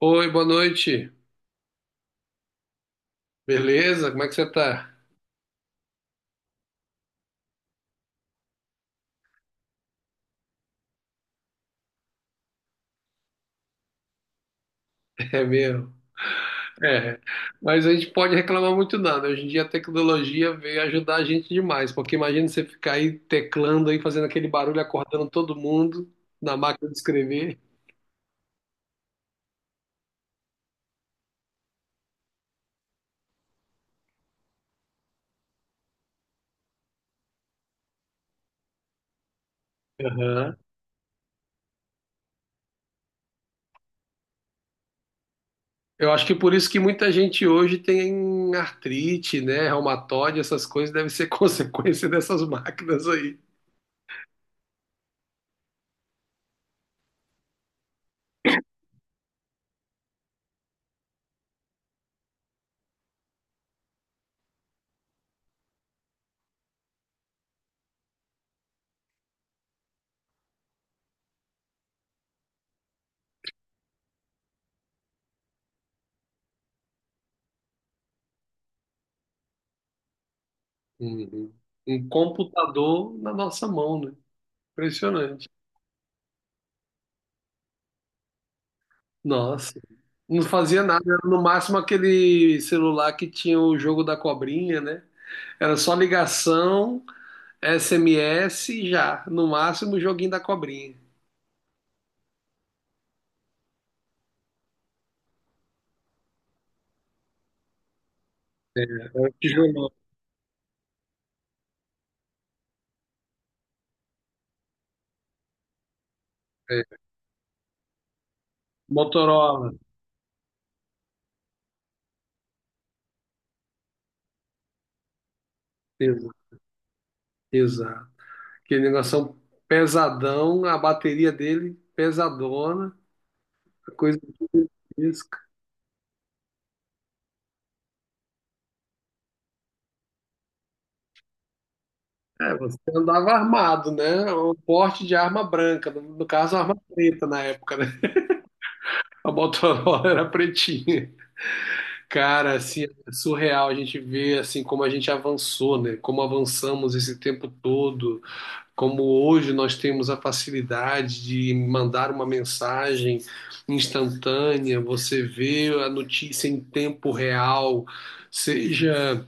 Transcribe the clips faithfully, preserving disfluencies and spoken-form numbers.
Oi, boa noite. Beleza? Como é que você tá? É mesmo. É. Mas a gente pode reclamar muito nada. Hoje em dia a tecnologia veio ajudar a gente demais, porque imagina você ficar aí teclando aí, fazendo aquele barulho, acordando todo mundo na máquina de escrever. Aham. Eu acho que por isso que muita gente hoje tem artrite, né, reumatoide, essas coisas devem ser consequência dessas máquinas aí. Uhum. Um computador na nossa mão, né? Impressionante. Nossa, não fazia nada, era no máximo aquele celular que tinha o jogo da cobrinha, né? Era só ligação, S M S e já, no máximo o joguinho da cobrinha. É, era tijolão, é. Motorola, exa- exato. Aquele negócio pesadão, a bateria dele pesadona, coisa disso. É, você andava armado, né? Um porte de arma branca, no no caso, arma preta na época, né? A Motorola era pretinha. Cara, assim, é surreal a gente ver assim como a gente avançou, né? Como avançamos esse tempo todo, como hoje nós temos a facilidade de mandar uma mensagem instantânea, você vê a notícia em tempo real, seja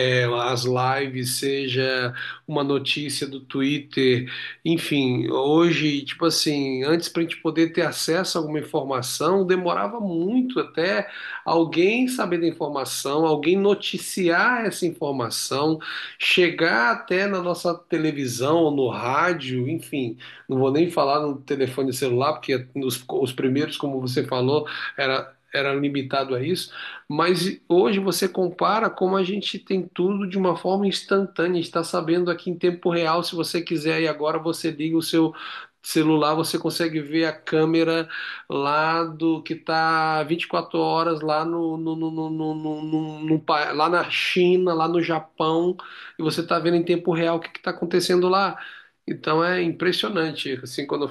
tela, as lives, seja uma notícia do Twitter, enfim, hoje, tipo assim, antes para a gente poder ter acesso a alguma informação, demorava muito até alguém saber da informação, alguém noticiar essa informação, chegar até na nossa televisão ou no rádio, enfim, não vou nem falar no telefone celular, porque os, os primeiros, como você falou, era, era limitado a isso. Mas hoje você compara como a gente tem tudo de uma forma instantânea, está sabendo aqui em tempo real, se você quiser e agora você liga o seu celular, você consegue ver a câmera lá do que está vinte e quatro horas lá no, no, no, no, no, no- no- no pa- lá na China, lá no Japão, e você está vendo em tempo real o que está acontecendo lá. Então é impressionante, assim, quando eu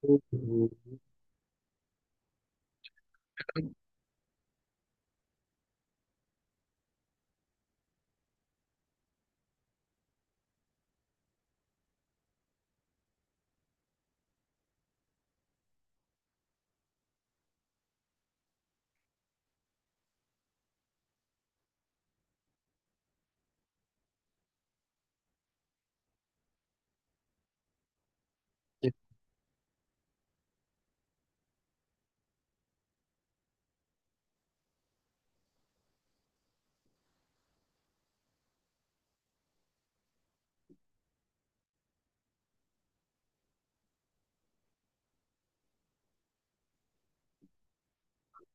fico.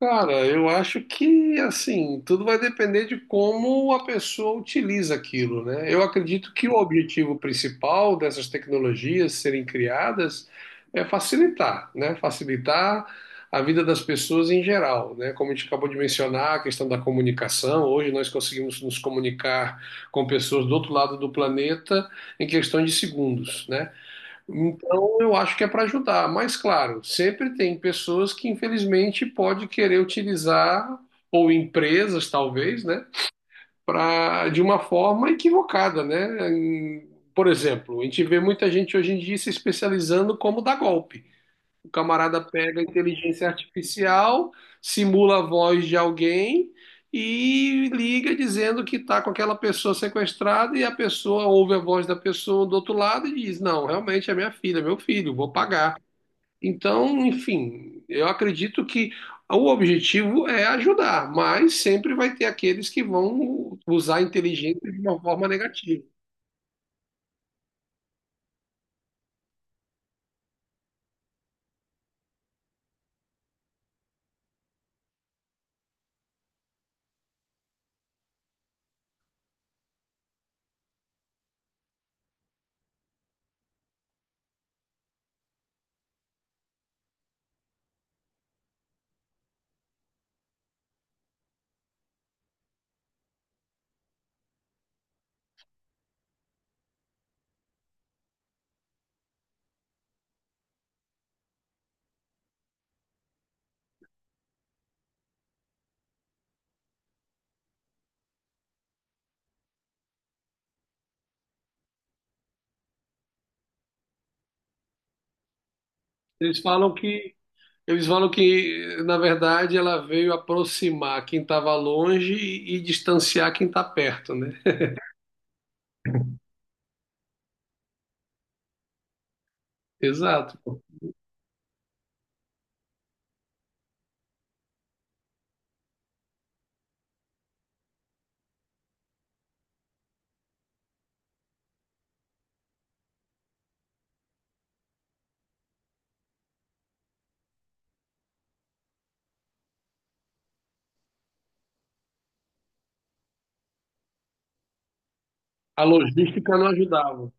Cara, eu acho que assim, tudo vai depender de como a pessoa utiliza aquilo, né? Eu acredito que o objetivo principal dessas tecnologias serem criadas é facilitar, né? Facilitar a vida das pessoas em geral, né? Como a gente acabou de mencionar, a questão da comunicação, hoje nós conseguimos nos comunicar com pessoas do outro lado do planeta em questão de segundos, né? Então, eu acho que é para ajudar, mas claro, sempre tem pessoas que infelizmente pode querer utilizar ou empresas talvez, né, para de uma forma equivocada, né? Em- Por exemplo, a gente vê muita gente hoje em dia se especializando como dar golpe. O camarada pega a inteligência artificial, simula a voz de alguém e liga dizendo que está com aquela pessoa sequestrada e a pessoa ouve a voz da pessoa do outro lado e diz: Não, realmente é minha filha, é meu filho, vou pagar. Então, enfim, eu acredito que o objetivo é ajudar, mas sempre vai ter aqueles que vão usar a inteligência de uma forma negativa. Eles falam que Eles falam que, na verdade, ela veio aproximar quem estava longe e, e distanciar quem está perto, né? Exato. A logística não ajudava.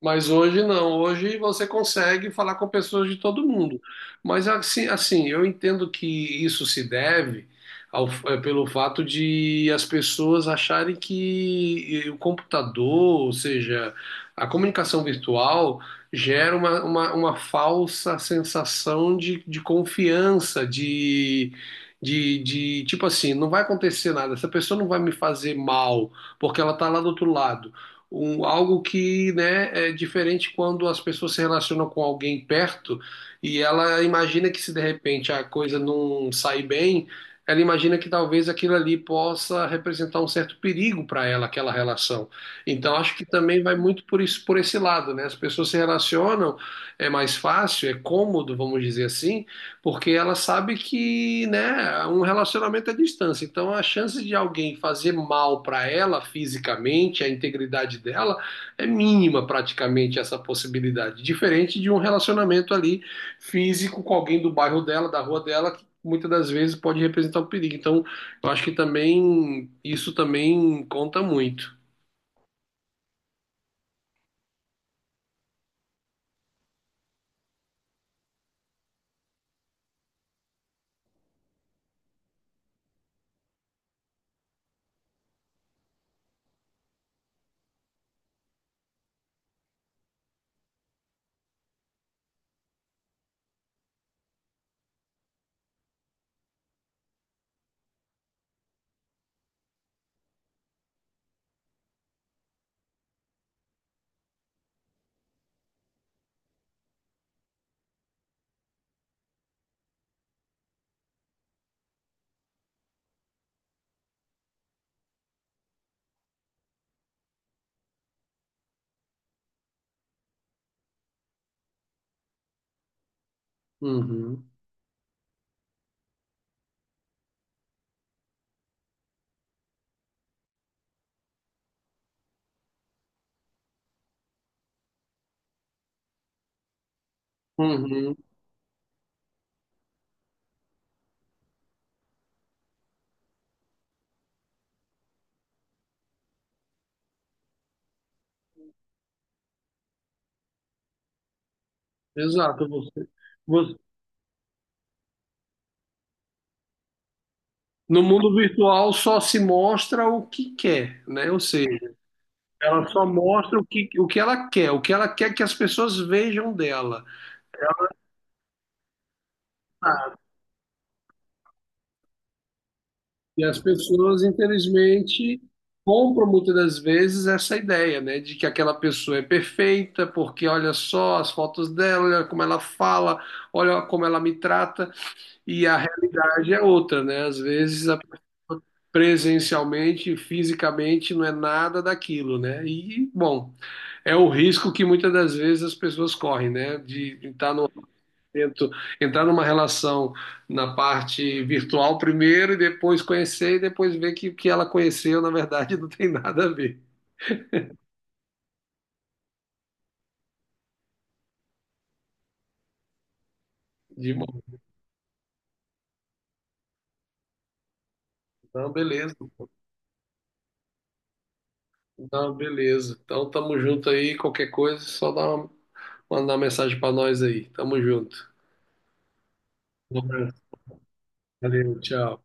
Mas hoje não, hoje você consegue falar com pessoas de todo mundo. Mas assim, assim, eu entendo que isso se deve ao- eh, pelo fato de as pessoas acharem que eh, o computador, ou seja, a comunicação virtual, gera uma, uma, uma falsa sensação de, de confiança, de, de, de tipo assim, não vai acontecer nada, essa pessoa não vai me fazer mal, porque ela está lá do outro lado um, algo que, né, é diferente quando as pessoas se relacionam com alguém perto e ela imagina que se de repente a coisa não sair bem, ela imagina que talvez aquilo ali possa representar um certo perigo para ela, aquela relação. Então acho que também vai muito por isso, por esse lado, né? As pessoas se relacionam, é mais fácil, é cômodo, vamos dizer assim, porque ela sabe que, né, um relacionamento é distância. Então a chance de alguém fazer mal para ela fisicamente, a integridade dela, é mínima praticamente essa possibilidade. Diferente de um relacionamento ali físico com alguém do bairro dela, da rua dela, que muitas das vezes pode representar um perigo. Então eu acho que também isso também conta muito. Uhum. Uhum. Exato. Você, você- no mundo virtual só se mostra o que quer, né? Ou seja, ela só mostra o que, o que ela quer, o que ela quer que as pessoas vejam dela. Ela- E as pessoas, infelizmente, compram muitas das vezes essa ideia, né, de que aquela pessoa é perfeita, porque olha só as fotos dela, olha como ela fala, olha como ela me trata, e a realidade é outra, né? Às vezes, a- presencialmente, fisicamente, não é nada daquilo, né? E, bom, é o risco que muitas das vezes as pessoas correm, né, de estar no tento entrar numa relação na parte virtual primeiro e depois conhecer e depois ver que o que ela conheceu, na verdade, não tem nada a ver. De mão. Não, beleza. Então beleza. Então tamo junto aí, qualquer coisa, só dá uma, mandar uma mensagem para nós aí. Tamo junto. Um abraço. Valeu, tchau.